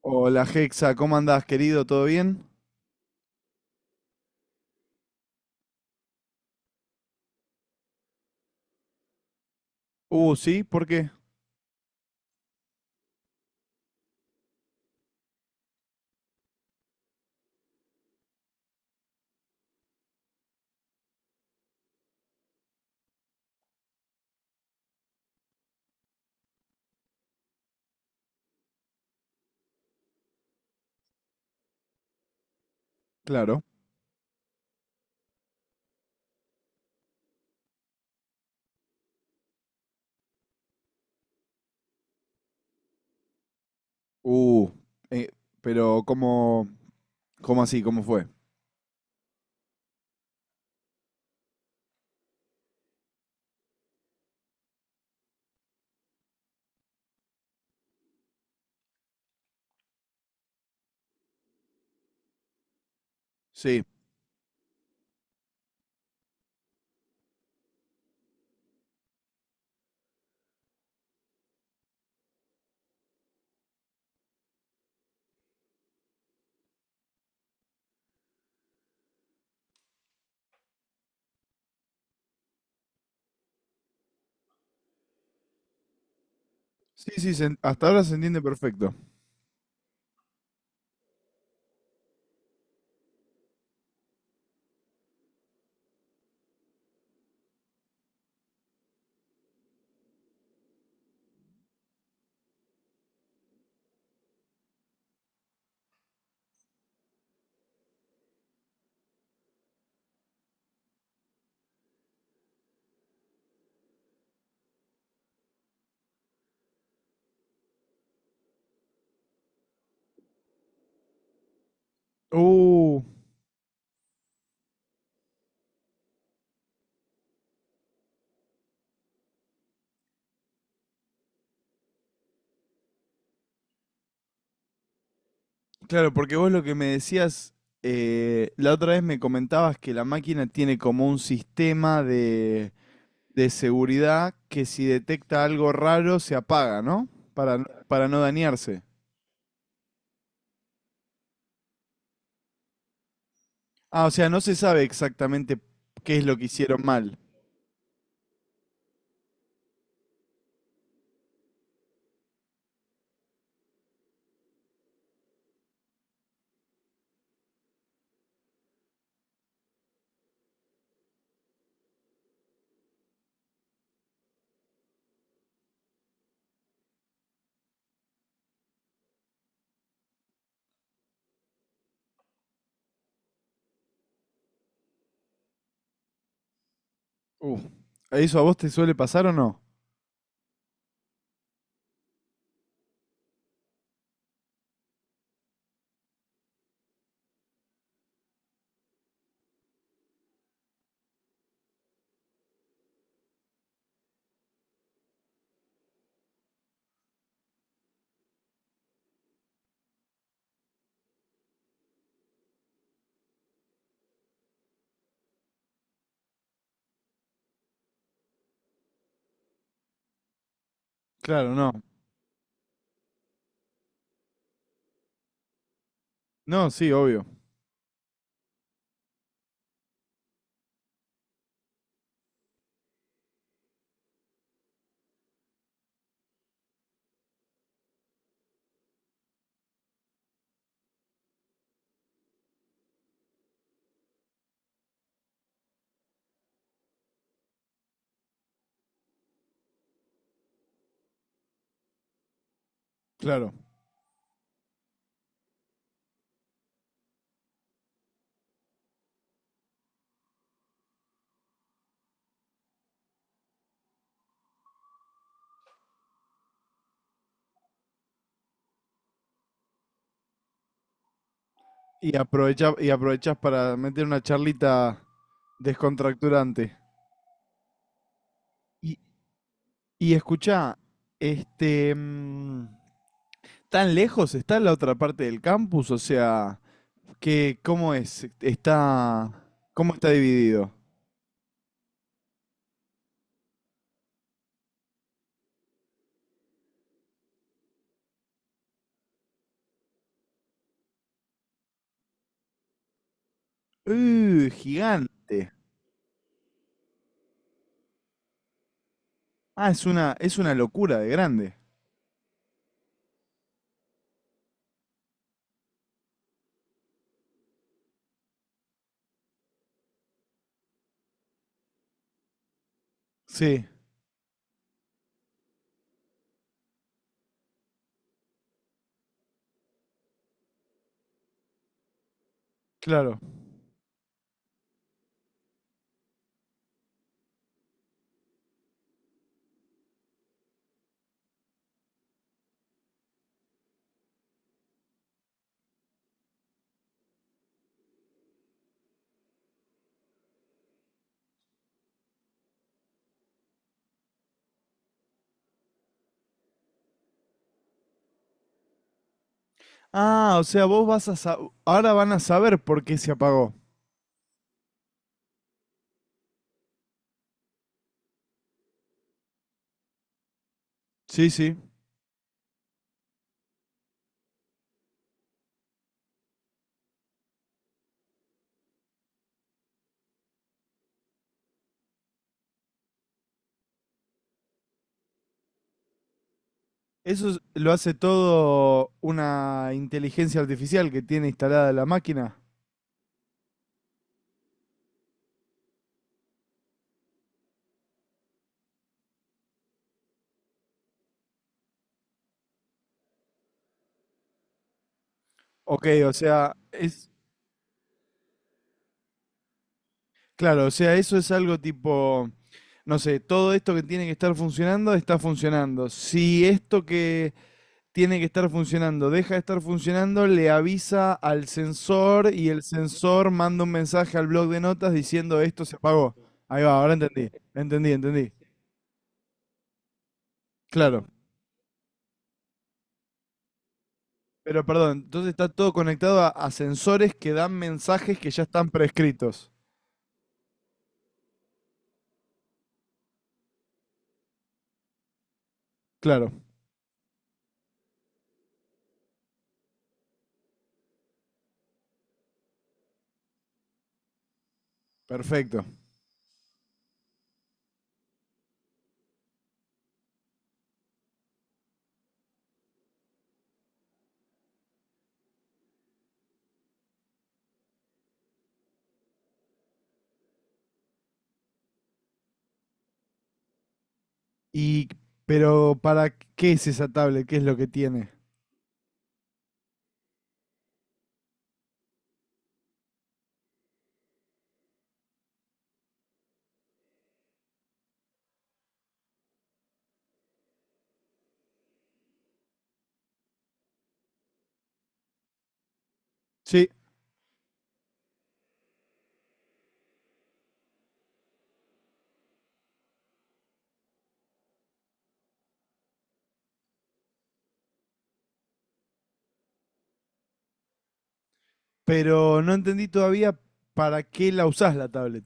Hola Hexa, ¿cómo andás, querido? ¿Todo bien? Sí, ¿por qué? Claro. Uh, eh, pero ¿cómo así? ¿Cómo fue? Sí. Sí, sí, hasta ahora se entiende perfecto. Uh, claro, porque vos lo que me decías, la otra vez me comentabas que la máquina tiene como un sistema de seguridad que si detecta algo raro se apaga, ¿no? Para, para no dañarse. Ah, o sea, no se sabe exactamente qué es lo que hicieron mal. Uh, ¿Eso a vos te suele pasar o no? Claro, no. No, sí, obvio. Claro. Y aprovechás para meter una charlita descontracturante. Y, y escuchá, este, ¿tan lejos está la otra parte del campus? O sea, ¿qué, cómo es? Está, ¿cómo está dividido? Gigante. Ah, es una locura de grande. Sí, claro. Ah, o sea, vos vas a sa- ahora van a saber por qué se apagó. Sí, sí. Lo hace todo una inteligencia artificial que tiene instalada la máquina. Ok, o sea, es claro, o sea, eso es algo tipo, no sé, todo esto que tiene que estar funcionando está funcionando. Si esto que tiene que estar funcionando deja de estar funcionando, le avisa al sensor y el sensor manda un mensaje al blog de notas diciendo esto se apagó. Ahí va, ahora entendí, entendí, entendí. Claro. Pero perdón, entonces está todo conectado a sensores que dan mensajes que ya están prescritos. Claro, perfecto. Y, pero ¿para qué es esa tablet? ¿Qué es lo que tiene? Sí, pero no entendí todavía para qué la usás la tablet.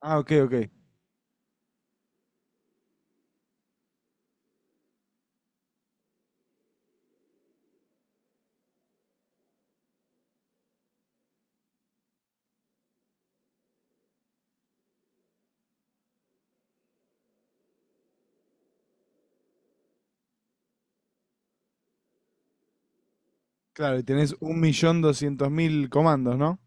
Ah, ok, ok. Claro, y tenés 1.200.000 comandos, ¿no?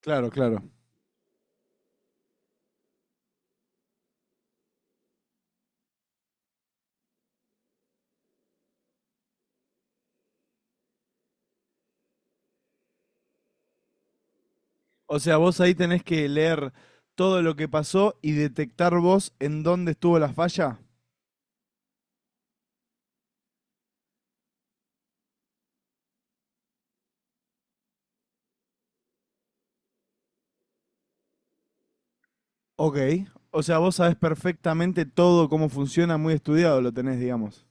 Claro, claro. O sea, vos ahí tenés que leer todo lo que pasó y detectar vos en dónde estuvo la falla. Ok. O sea, vos sabés perfectamente todo cómo funciona, muy estudiado lo tenés, digamos.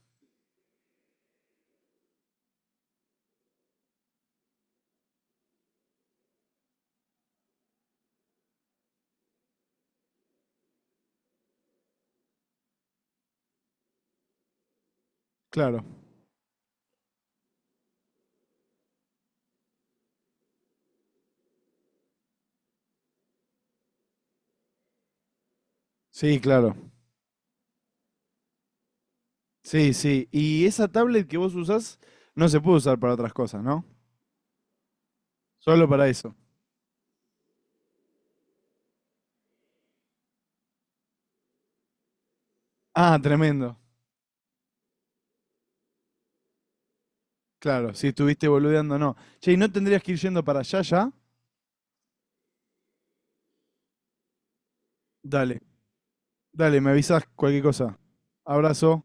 Claro. Sí, claro. Sí, sí. Y esa tablet que vos usás no se puede usar para otras cosas, ¿no? Solo para eso. Ah, tremendo. Claro, si estuviste boludeando, no. Che, ¿y no tendrías que ir yendo para allá ya? Dale, dale, me avisás cualquier cosa. Abrazo.